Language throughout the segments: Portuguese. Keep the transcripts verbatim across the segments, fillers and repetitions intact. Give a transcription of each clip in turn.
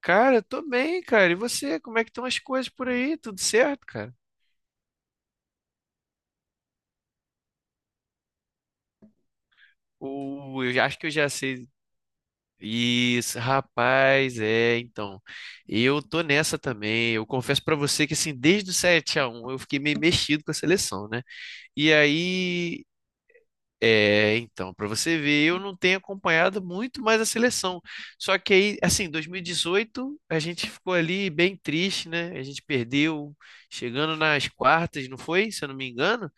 Cara, eu tô bem, cara. E você? Como é que estão as coisas por aí? Tudo certo, cara? Ou eu já- acho que eu já sei. Isso, rapaz, é, então. Eu tô nessa também. Eu confesso pra você que assim, desde o sete a um, eu fiquei meio mexido com a seleção, né? E aí, é, então, pra você ver, eu não tenho acompanhado muito mais a seleção. Só que aí, assim, dois mil e dezoito, a gente ficou ali bem triste, né? A gente perdeu chegando nas quartas, não foi? Se eu não me engano.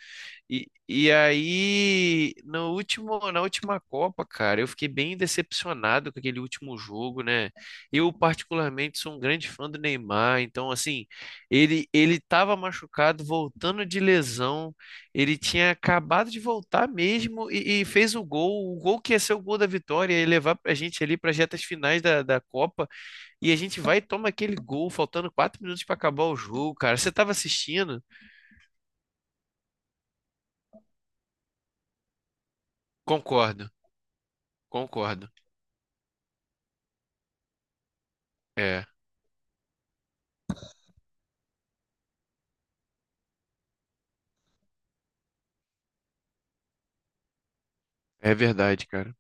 E, e aí, no último, na última Copa, cara, eu fiquei bem decepcionado com aquele último jogo, né? Eu, particularmente, sou um grande fã do Neymar, então, assim, ele ele estava machucado, voltando de lesão, ele tinha acabado de voltar mesmo e, e fez o gol, o gol que ia ser o gol da vitória, ia levar a gente ali para as retas finais da, da Copa, e a gente vai e toma aquele gol, faltando quatro minutos para acabar o jogo, cara. Você estava assistindo? Concordo, concordo. É. É verdade, cara.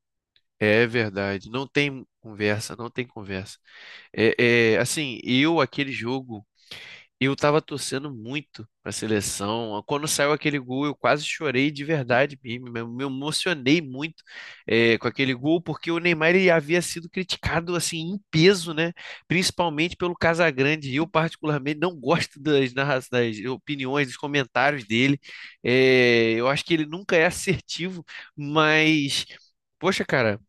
É verdade. Não tem conversa, não tem conversa. É, é, assim, eu, aquele jogo. E eu tava torcendo muito pra seleção. Quando saiu aquele gol, eu quase chorei de verdade mesmo. Me me emocionei muito eh, com aquele gol, porque o Neymar ele havia sido criticado assim em peso, né? Principalmente pelo Casagrande. E eu, particularmente, não gosto das, narra- das opiniões, dos comentários dele. Eh, eu acho que ele nunca é assertivo, mas. Poxa, cara,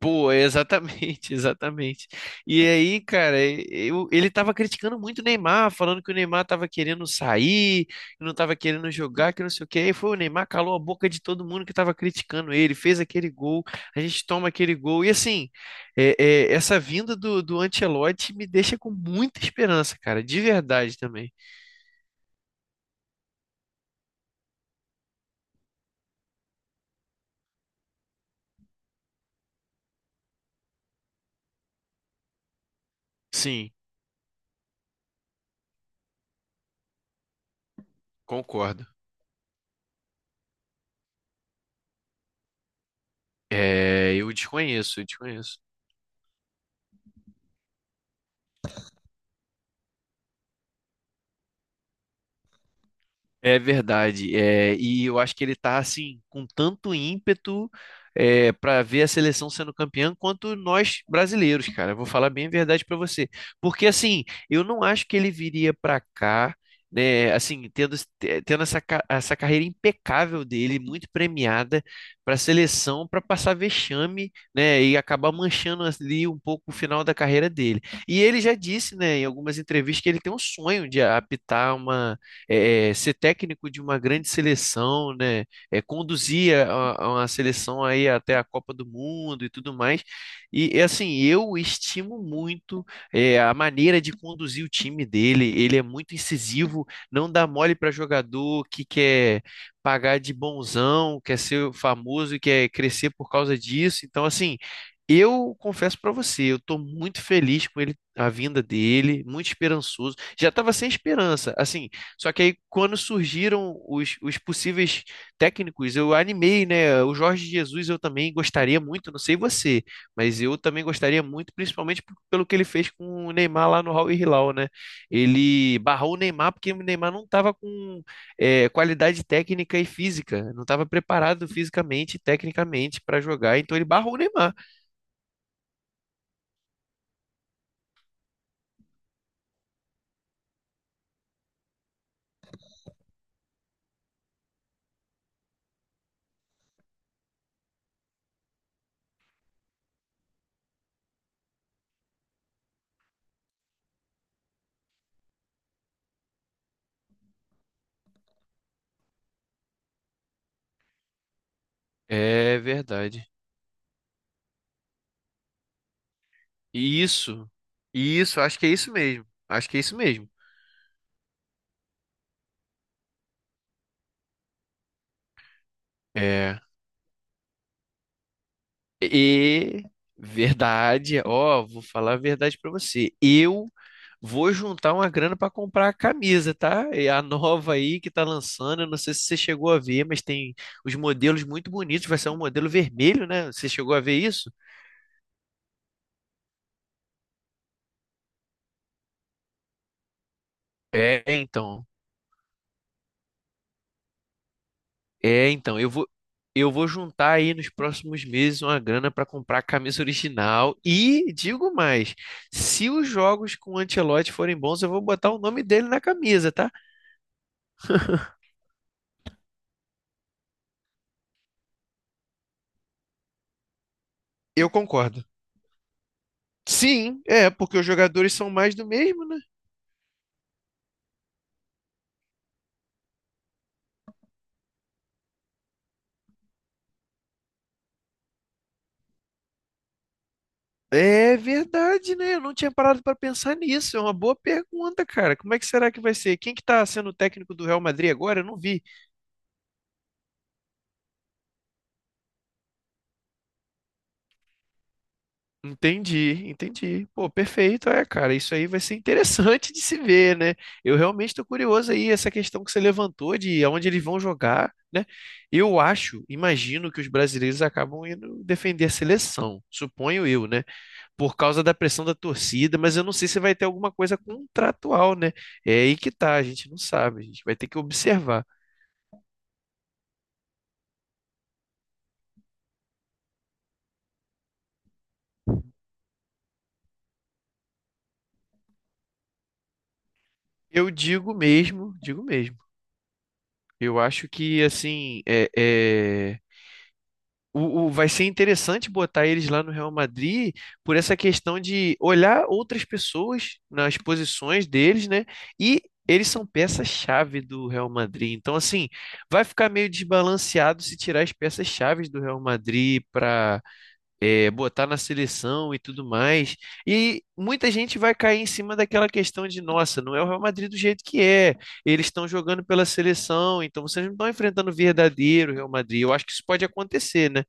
pô, exatamente, exatamente. E aí, cara, eu- ele tava criticando muito o Neymar, falando que o Neymar tava querendo sair, que não tava querendo jogar, que não sei o quê. E foi o Neymar, calou a boca de todo mundo que tava criticando ele, fez aquele gol, a gente toma aquele gol. E assim, é- é, essa vinda do, do Ancelotti me deixa com muita esperança, cara, de verdade também. Sim, concordo. É, eu desconheço, eu desconheço. É verdade, é, e eu acho que ele tá assim com tanto ímpeto é, para ver a seleção sendo campeã quanto nós brasileiros, cara. Eu vou falar bem a verdade para você, porque assim eu não acho que ele viria para cá, né? Assim tendo, te- tendo essa, ca- essa carreira impecável dele, muito premiada para a seleção, para passar vexame, né? E acabar manchando ali um pouco o final da carreira dele. E ele já disse, né, em algumas entrevistas que ele tem um sonho de apitar uma é, é, ser técnico de uma grande seleção, né? É, conduzir a, a uma seleção aí até a Copa do Mundo e tudo mais. E é assim, eu estimo muito é, a maneira de conduzir o time dele. Ele é muito incisivo, não dá mole para jogador que quer pagar de bonzão, quer ser famoso e quer crescer por causa disso. Então, assim, eu confesso para você, eu estou muito feliz com ele, a vinda dele, muito esperançoso. Já estava sem esperança. Assim, só que aí, quando surgiram os, os possíveis técnicos, eu animei, né? O Jorge Jesus eu também gostaria muito, não sei você, mas eu também gostaria muito, principalmente p- pelo que ele fez com o Neymar lá no Al Hilal, né? Ele barrou o Neymar porque o Neymar não estava com eh, qualidade técnica e física, não estava preparado fisicamente e tecnicamente para jogar, então ele barrou o Neymar. É verdade. Isso, isso, acho que é isso mesmo. Acho que é isso mesmo. É. E verdade, ó, vou falar a verdade pra você. Eu vou juntar uma grana pra comprar a camisa, tá? É a nova aí que tá lançando, eu não sei se você chegou a ver, mas tem os modelos muito bonitos, vai ser um modelo vermelho, né? Você chegou a ver isso? É, então. É, então, eu vou eu vou juntar aí nos próximos meses uma grana pra comprar a camisa original e digo mais, se os jogos com o Ancelotti forem bons, eu vou botar o nome dele na camisa, tá? Eu concordo. Sim, é, porque os jogadores são mais do mesmo, né? É verdade, né? Eu não tinha parado para pensar nisso. É uma boa pergunta, cara. Como é que será que vai ser? Quem que tá sendo o técnico do Real Madrid agora? Eu não vi. Entendi, entendi. Pô, perfeito. É, cara, isso aí vai ser interessante de se ver, né? Eu realmente tô curioso aí, essa questão que você levantou de aonde eles vão jogar, né? Eu acho, imagino que os brasileiros acabam indo defender a seleção. Suponho eu, né? Por causa da pressão da torcida, mas eu não sei se vai ter alguma coisa contratual, né? É aí que tá, a gente não sabe, a gente vai ter que observar. Eu digo mesmo, digo mesmo. Eu acho que assim é, é, o, o- vai ser interessante botar eles lá no Real Madrid por essa questão de olhar outras pessoas nas posições deles, né? E eles são peça-chave do Real Madrid. Então, assim, vai ficar meio desbalanceado se tirar as peças-chaves do Real Madrid para é, botar na seleção e tudo mais. E muita gente vai cair em cima daquela questão de, nossa, não é o Real Madrid do jeito que é. Eles estão jogando pela seleção, então vocês não estão enfrentando o verdadeiro Real Madrid. Eu acho que isso pode acontecer, né?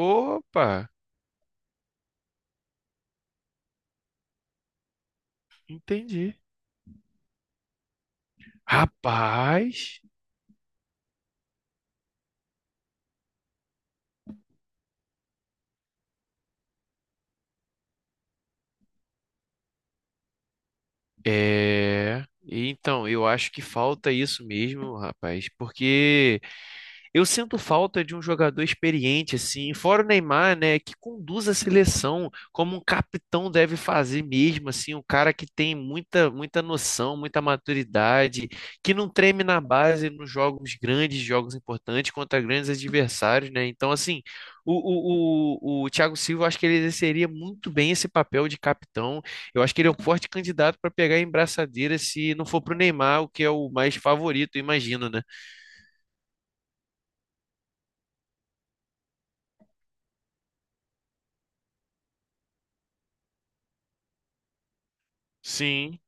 Opa, entendi. Rapaz, é. Então, eu acho que falta isso mesmo, rapaz, porque eu sinto falta de um jogador experiente, assim, fora o Neymar, né, que conduz a seleção como um capitão deve fazer mesmo, assim, um cara que tem muita, muita noção, muita maturidade, que não treme na base nos jogos grandes, jogos importantes contra grandes adversários, né? Então, assim, o, o, o, o Thiago Silva, eu acho que ele exerceria muito bem esse papel de capitão. Eu acho que ele é um forte candidato para pegar a braçadeira se não for para o Neymar, o que é o mais favorito, imagino, né? Sim.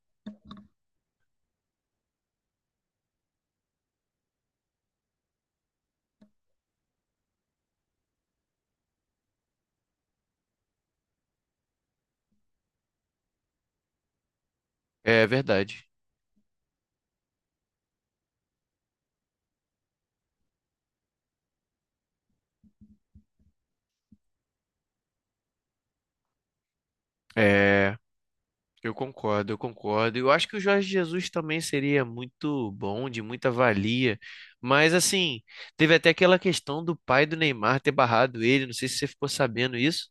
É verdade. É, eu concordo, eu concordo. Eu acho que o Jorge Jesus também seria muito bom, de muita valia. Mas assim, teve até aquela questão do pai do Neymar ter barrado ele. Não sei se você ficou sabendo isso.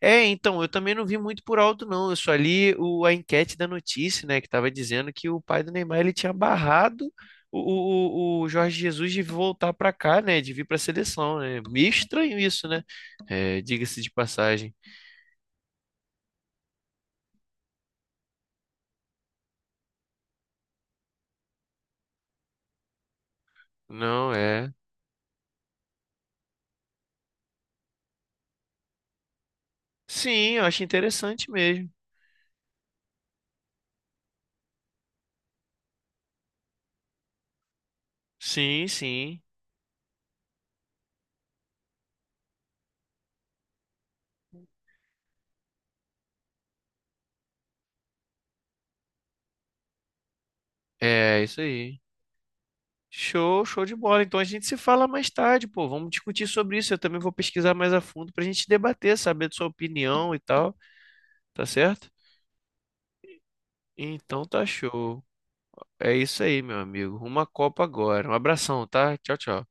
É, então, eu também não vi muito por alto, não. Eu só li o, a enquete da notícia, né, que estava dizendo que o pai do Neymar ele tinha barrado o, o, o o Jorge Jesus de voltar para cá, né, de vir para a seleção, né? Meio estranho isso, né? É, diga-se de passagem. Não é. Sim, eu acho interessante mesmo. Sim, sim. É isso aí. Show, show de bola. Então a gente se fala mais tarde, pô. Vamos discutir sobre isso. Eu também vou pesquisar mais a fundo pra gente debater, saber da sua opinião e tal. Tá certo? Então tá show. É isso aí, meu amigo. Uma copa agora. Um abração, tá? Tchau, tchau.